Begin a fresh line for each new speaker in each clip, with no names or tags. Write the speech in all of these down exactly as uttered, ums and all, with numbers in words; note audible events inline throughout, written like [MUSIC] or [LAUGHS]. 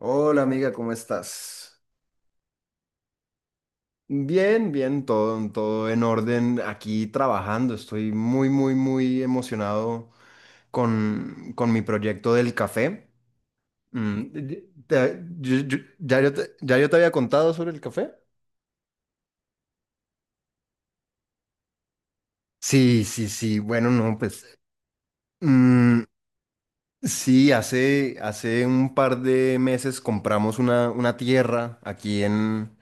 Hola amiga, ¿cómo estás? Bien, bien, todo, todo en orden, aquí trabajando. Estoy muy, muy, muy emocionado con, con mi proyecto del café. Mm, y- te- yo- yo- ya, yo te, ¿Ya yo te había contado sobre el café? Sí, sí, sí. Bueno, no, pues mm, sí, hace, hace un par de meses compramos una, una tierra aquí en.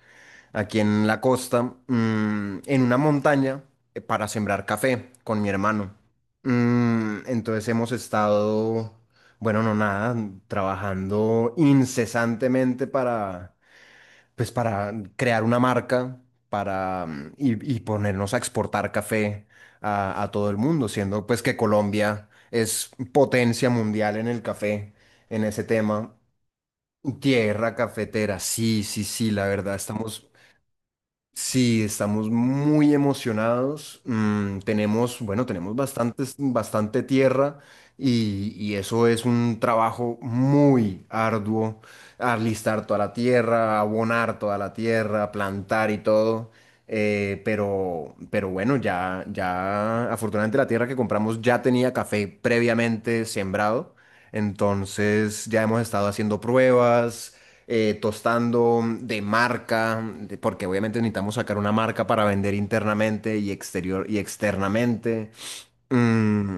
aquí en la costa, mm, en una montaña, eh, para sembrar café con mi hermano. Mm, entonces hemos estado, bueno, no nada, trabajando incesantemente para, pues para crear una marca para, mm, y, y ponernos a exportar café a, a todo el mundo, siendo pues que Colombia es potencia mundial en el café, en ese tema. Tierra cafetera, sí, sí, sí, la verdad, estamos. Sí, estamos muy emocionados. Mm, tenemos, bueno, tenemos bastantes, bastante tierra, y, y eso es un trabajo muy arduo. Alistar toda la tierra, abonar toda la tierra, plantar y todo. Eh, pero, pero bueno, ya, ya, afortunadamente la tierra que compramos ya tenía café previamente sembrado. Entonces ya hemos estado haciendo pruebas, eh, tostando de marca, de- porque obviamente necesitamos sacar una marca para vender internamente y exterior y externamente. Mm,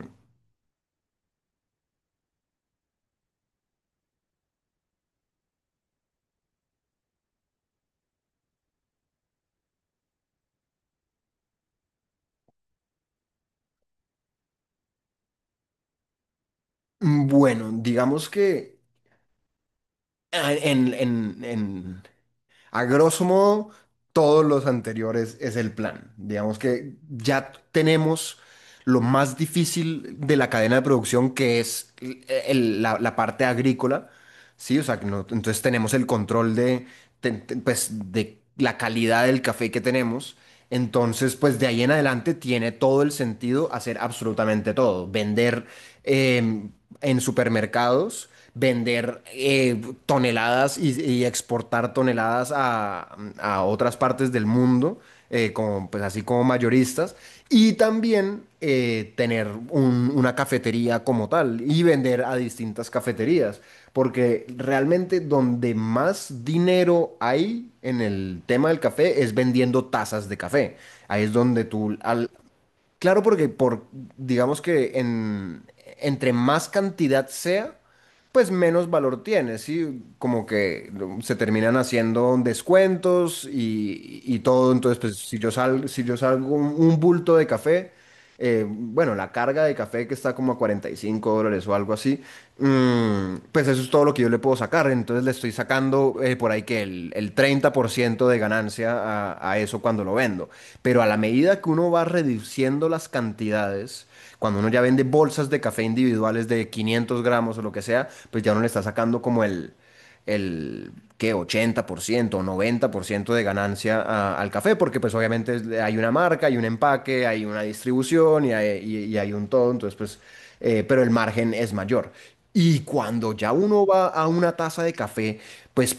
mm, bueno, digamos que, ah, en, en, en, a grosso modo, todos los anteriores es el plan. Digamos que ya tenemos lo más difícil de la cadena de producción, que es el- el- la, la parte agrícola, ¿sí? O sea, que no- entonces tenemos el control de, ten- ten- pues, de la calidad del café que tenemos. Entonces, pues de ahí en adelante tiene todo el sentido hacer absolutamente todo. Vender em, en supermercados, vender eh, toneladas, y, y exportar toneladas a, a otras partes del mundo, eh, como, pues así como mayoristas, y también eh, tener un- una cafetería como tal y vender a distintas cafeterías, porque realmente donde más dinero hay en el tema del café es vendiendo tazas de café. Ahí es donde tú, al, claro, porque por, digamos que en, entre más cantidad sea, pues menos valor tiene, ¿sí? Como que se terminan haciendo descuentos y, y todo. Entonces, pues si yo salgo, si yo salgo un, un bulto de café, eh, bueno, la carga de café que está como a cuarenta y cinco dólares o algo así, mm, pues eso es todo lo que yo le puedo sacar. Entonces le estoy sacando eh, por ahí que el, el treinta por ciento de ganancia a a eso cuando lo vendo. Pero a la medida que uno va reduciendo las cantidades, cuando uno ya vende bolsas de café individuales de quinientos gramos o lo que sea, pues ya uno le está sacando como el, el ¿qué? ochenta por ciento o noventa por ciento de ganancia a- al café, porque pues obviamente es- hay una marca, hay un empaque, hay una distribución y hay, y- y hay un todo, entonces pues, eh, pero el margen es mayor. Y cuando ya uno va a una taza de café, pues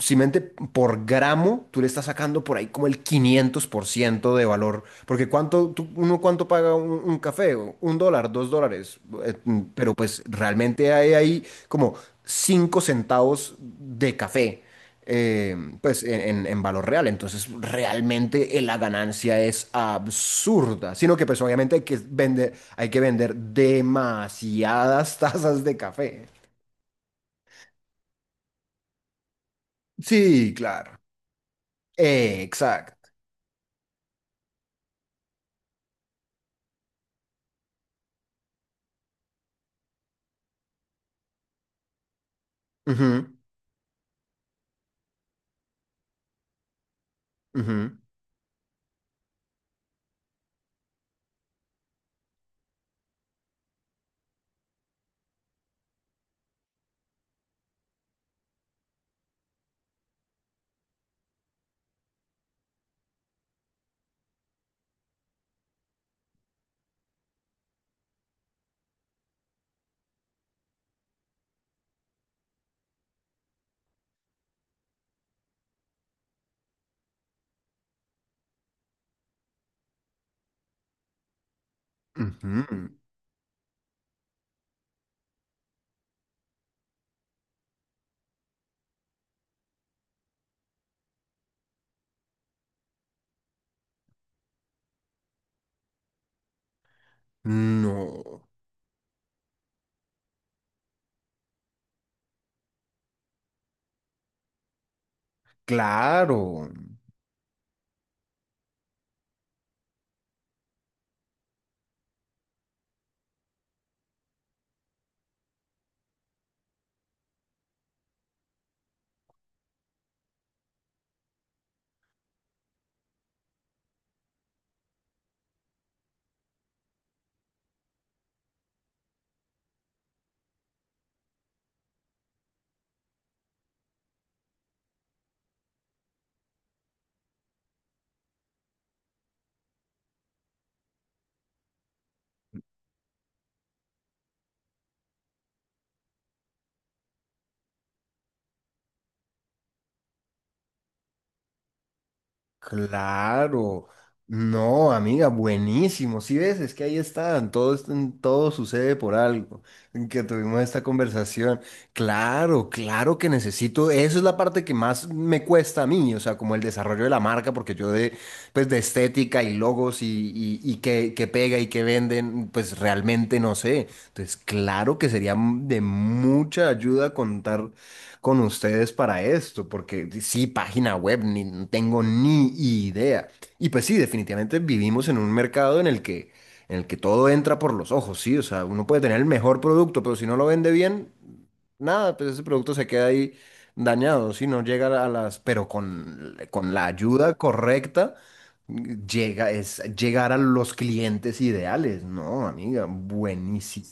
simplemente por gramo, tú le estás sacando por ahí como el quinientos por ciento de valor. Porque cuánto, tú- uno cuánto paga un, un café, un dólar, dos dólares. Eh, mm, pero pues realmente hay ahí como cinco centavos de café, eh, pues en, en- en valor real. Entonces realmente eh, la ganancia es absurda. Sino que pues obviamente hay que vender, hay que vender demasiadas [LAUGHS] tazas de café. Sí, claro. Eh, exacto. Ujú, ujú. No, claro, claro. No, amiga, buenísimo. Si ves, es que ahí están, todo, es- todo sucede por algo, en que tuvimos esta conversación. Claro, claro que necesito, eso es la parte que más me cuesta a mí, o sea, como el desarrollo de la marca, porque yo de, pues, de estética y logos y, y, y qué, qué pega y qué venden, pues realmente no sé. Entonces, claro que sería de mucha ayuda contar con ustedes para esto, porque sí, página web, ni no tengo ni idea. Y pues sí, definitivamente vivimos en un mercado en el que, en el que todo entra por los ojos, sí, o sea, uno puede tener el mejor producto, pero si no lo vende bien, nada, pues ese producto se queda ahí dañado, si no llega a las, pero con, con la ayuda correcta. Llega, es llegar a los clientes ideales, ¿no, amiga? Buenísimo.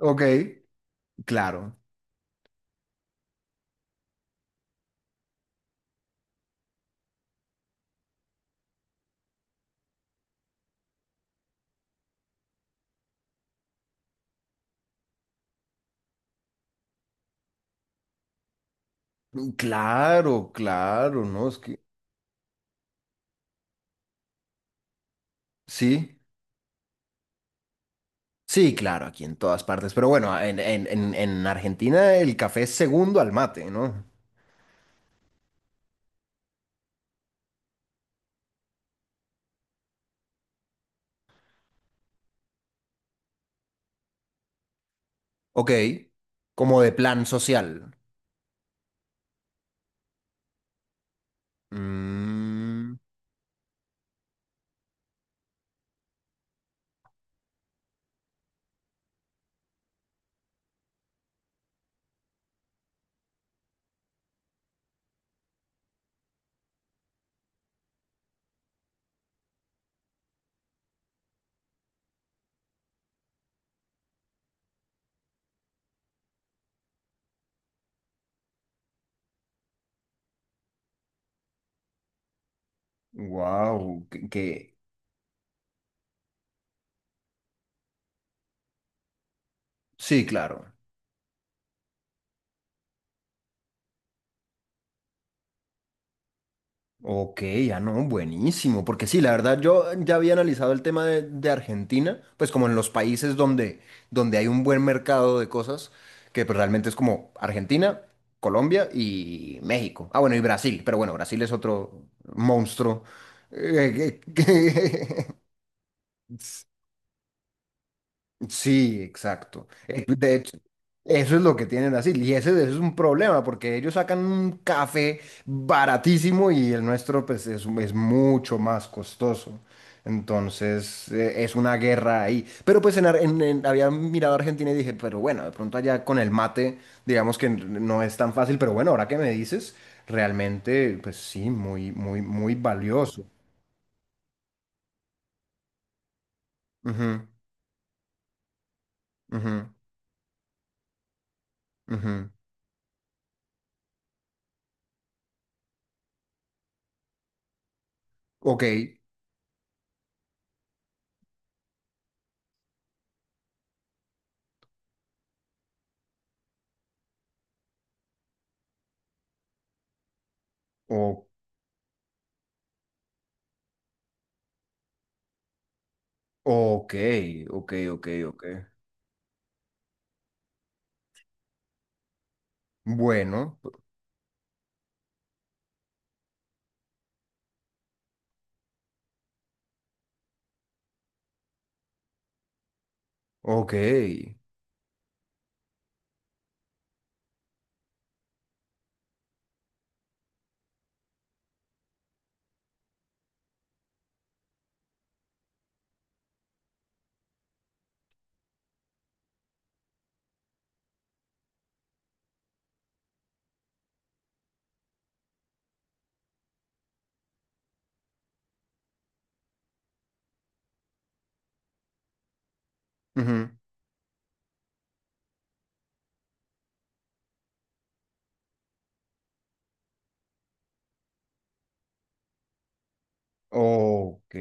Ok, claro. Mm, claro, claro, ¿no? Es que sí, sí, claro, aquí en todas partes. Pero bueno, en, en, en, en Argentina el café es segundo al mate, ¿no? Ok, como de plan social. Mm, wow, que, que- sí, claro. Ok, ya no, buenísimo, porque sí, la verdad yo ya había analizado el tema de, de Argentina, pues como en los países donde, donde hay un buen mercado de cosas, que pues, realmente es como Argentina, Colombia y México. Ah, bueno, y Brasil, pero bueno, Brasil es otro monstruo. [LAUGHS] eh, que- que- [LAUGHS] Sí, exacto. Eh, de hecho, eso es lo que tienen así. Y ese, ese es un problema, porque ellos sacan un café baratísimo y el nuestro pues, es, es mucho más costoso. Entonces, eh, es una guerra ahí. Pero pues en, Ar- en- en- había mirado a Argentina y dije, pero bueno, de pronto allá con el mate, digamos que no es tan fácil, pero bueno, ahora que me dices, realmente, pues sí, muy, muy, muy valioso. Ujú, ujú, ujú. Ok, ok. Ok, ok, ok, ok. Bueno, ok. Ujú, ok.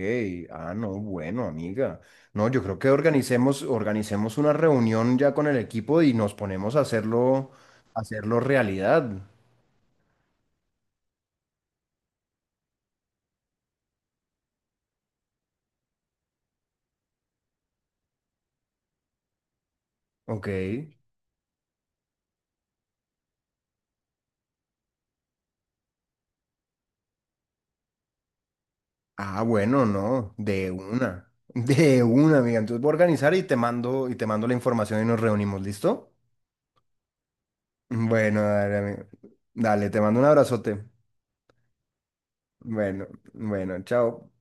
Ah, no, bueno, amiga. No, yo creo que organicemos, organicemos una reunión ya con el equipo y nos ponemos a hacerlo, hacerlo realidad. Ok. Ah, bueno, no, de una. [LAUGHS] De una, amiga. Entonces voy a organizar y te mando, y te mando la información y nos reunimos, ¿listo? Bueno, dale, amigo. Dale, te mando un abrazote. Bueno, bueno, chao.